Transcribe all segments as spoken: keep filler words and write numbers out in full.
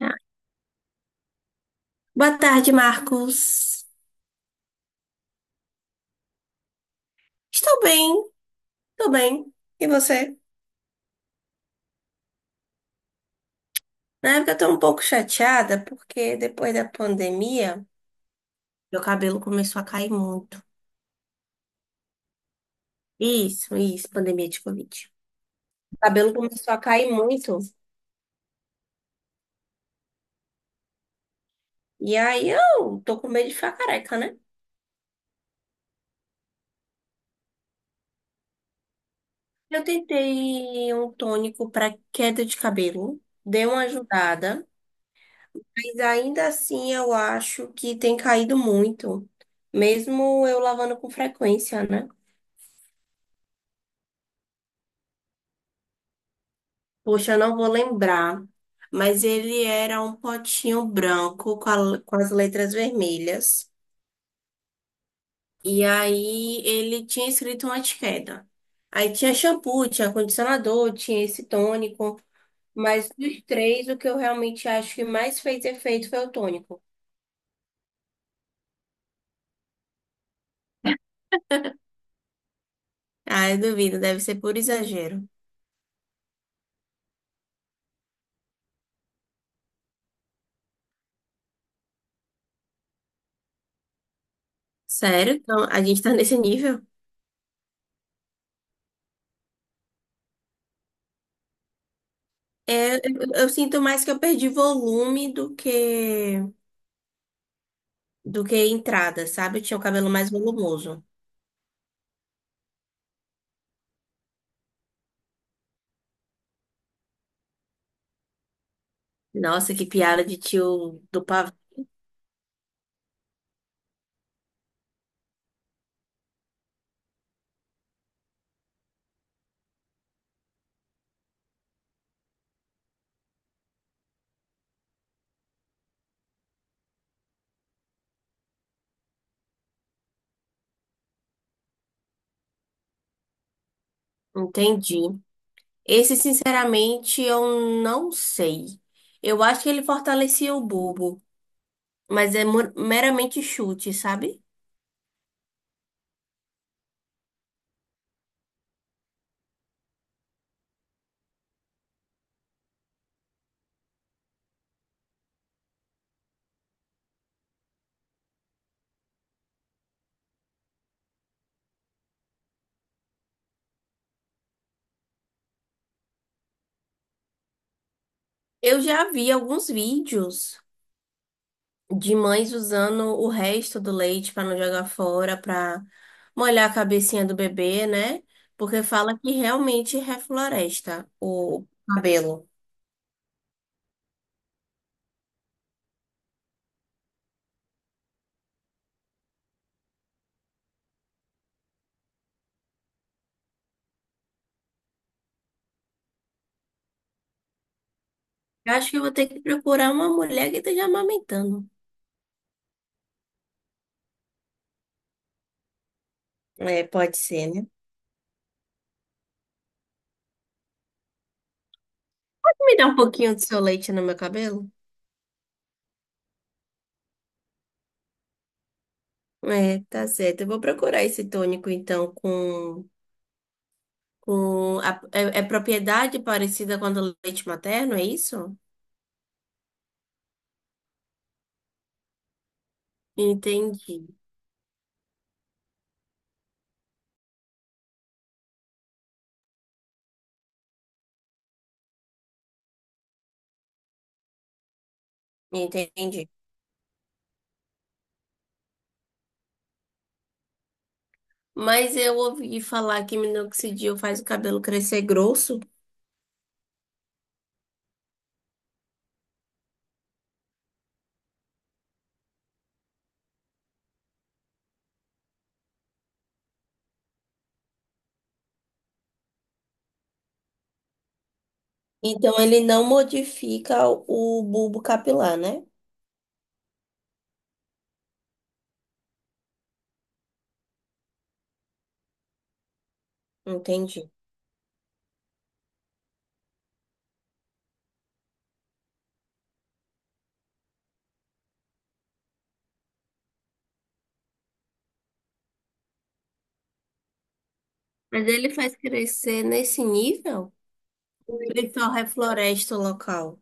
Ah, Boa tarde, Marcos. Estou bem, estou bem. E você? Na época eu estou um pouco chateada porque depois da pandemia, meu cabelo começou a cair muito. Isso, isso, pandemia de Covid. O cabelo começou a cair muito. E aí eu tô com medo de ficar careca, né? Eu tentei um tônico para queda de cabelo, deu uma ajudada, mas ainda assim eu acho que tem caído muito, mesmo eu lavando com frequência, né? Poxa, eu não vou lembrar, mas ele era um potinho branco com, a- com as letras vermelhas. E aí ele tinha escrito uma etiqueta. Aí tinha shampoo, tinha condicionador, tinha esse tônico. Mas dos três, o que eu realmente acho que mais fez efeito foi o tônico. Ah, eu duvido, deve ser por exagero. Sério? Então, a gente tá nesse nível? É, eu, eu sinto mais que eu perdi volume do que do que entrada, sabe? Eu tinha o cabelo mais volumoso. Nossa, que piada de tio do pavão. Entendi. Esse, sinceramente, eu não sei. Eu acho que ele fortalecia o bulbo, mas é mu- meramente chute, sabe? Eu já vi alguns vídeos de mães usando o resto do leite para não jogar fora, para molhar a cabecinha do bebê, né? Porque fala que realmente refloresta o cabelo. Eu acho que eu vou ter que procurar uma mulher que esteja amamentando. É, pode ser, né? Me dá um pouquinho do seu leite no meu cabelo? É, tá certo. Eu vou procurar esse tônico, então, com, com a- é, é propriedade parecida com a do leite materno, é isso? Entendi, entendi. Mas eu ouvi falar que minoxidil faz o cabelo crescer grosso, então ele não modifica o bulbo capilar, né? Entendi. Mas ele faz crescer nesse nível? Ele só refloresta o local.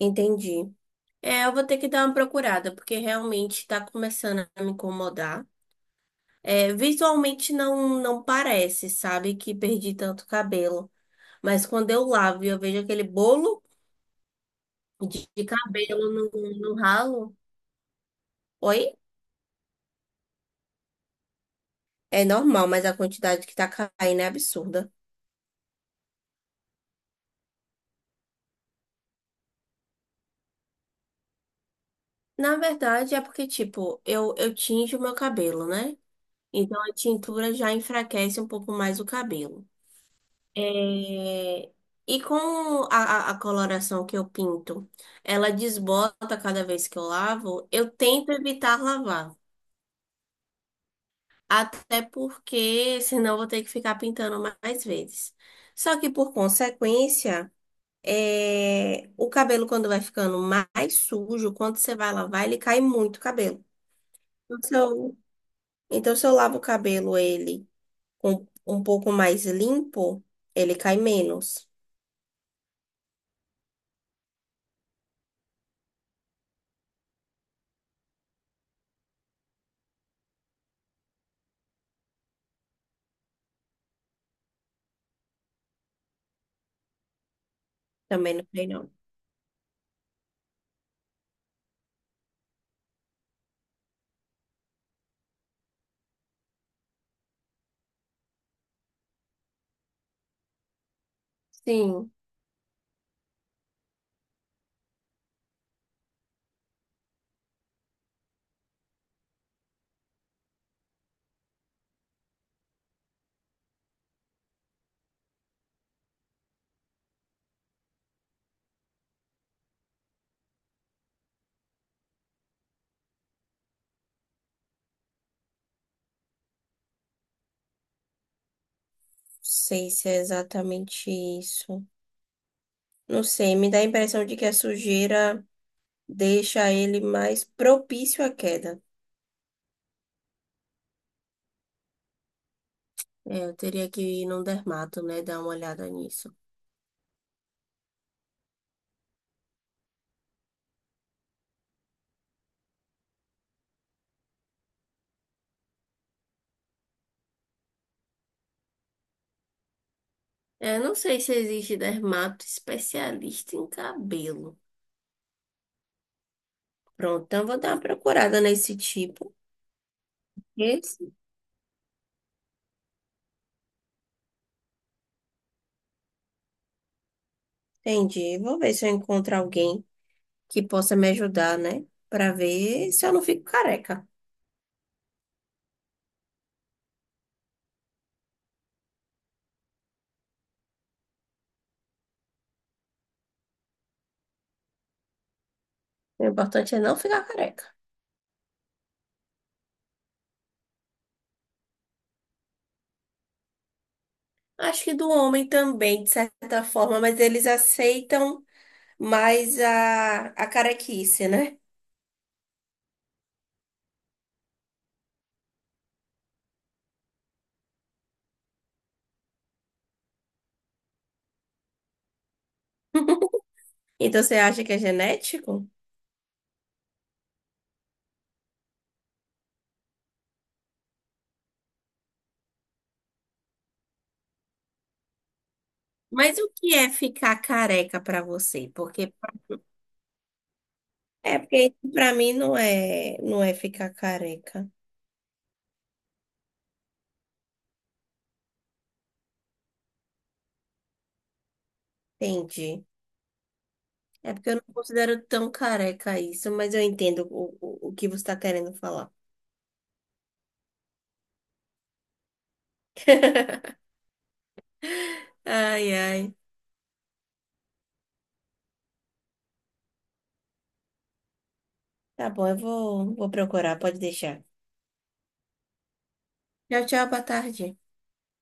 Entendi. É, eu vou ter que dar uma procurada, porque realmente tá começando a me incomodar. É, visualmente não, não parece, sabe, que perdi tanto cabelo. Mas quando eu lavo e eu vejo aquele bolo de, de cabelo no, no ralo, oi? É normal, mas a quantidade que tá caindo é absurda. Na verdade, é porque, tipo, eu, eu tinjo o meu cabelo, né? Então a tintura já enfraquece um pouco mais o cabelo. É, e com a, a a coloração que eu pinto, ela desbota cada vez que eu lavo, eu tento evitar lavar. Até porque senão eu vou ter que ficar pintando mais vezes. Só que por consequência, é, o cabelo quando vai ficando mais sujo, quando você vai lavar, ele cai muito o cabelo. Então, se eu, então, se eu lavo o cabelo ele com um pouco mais limpo, ele cai menos. Também não sei não. Sim. Sei se é exatamente isso. Não sei, me dá a impressão de que a sujeira deixa ele mais propício à queda. É, eu teria que ir num dermato, né? Dar uma olhada nisso. É, não sei se existe dermato especialista em cabelo. Pronto, então vou dar uma procurada nesse tipo. Esse? Entendi. Vou ver se eu encontro alguém que possa me ajudar, né? Pra ver se eu não fico careca. O importante é não ficar careca. Acho que do homem também, de certa forma, mas eles aceitam mais a, a carequice, né? Então você acha que é genético? Mas o que é ficar careca pra você? Porque é porque para mim não é, não é ficar careca. Entendi. É porque eu não considero tão careca isso, mas eu entendo o, o, o que você está querendo falar. Ai, ai. Tá bom, eu vou, vou procurar, pode deixar. Tchau, tchau, boa tarde.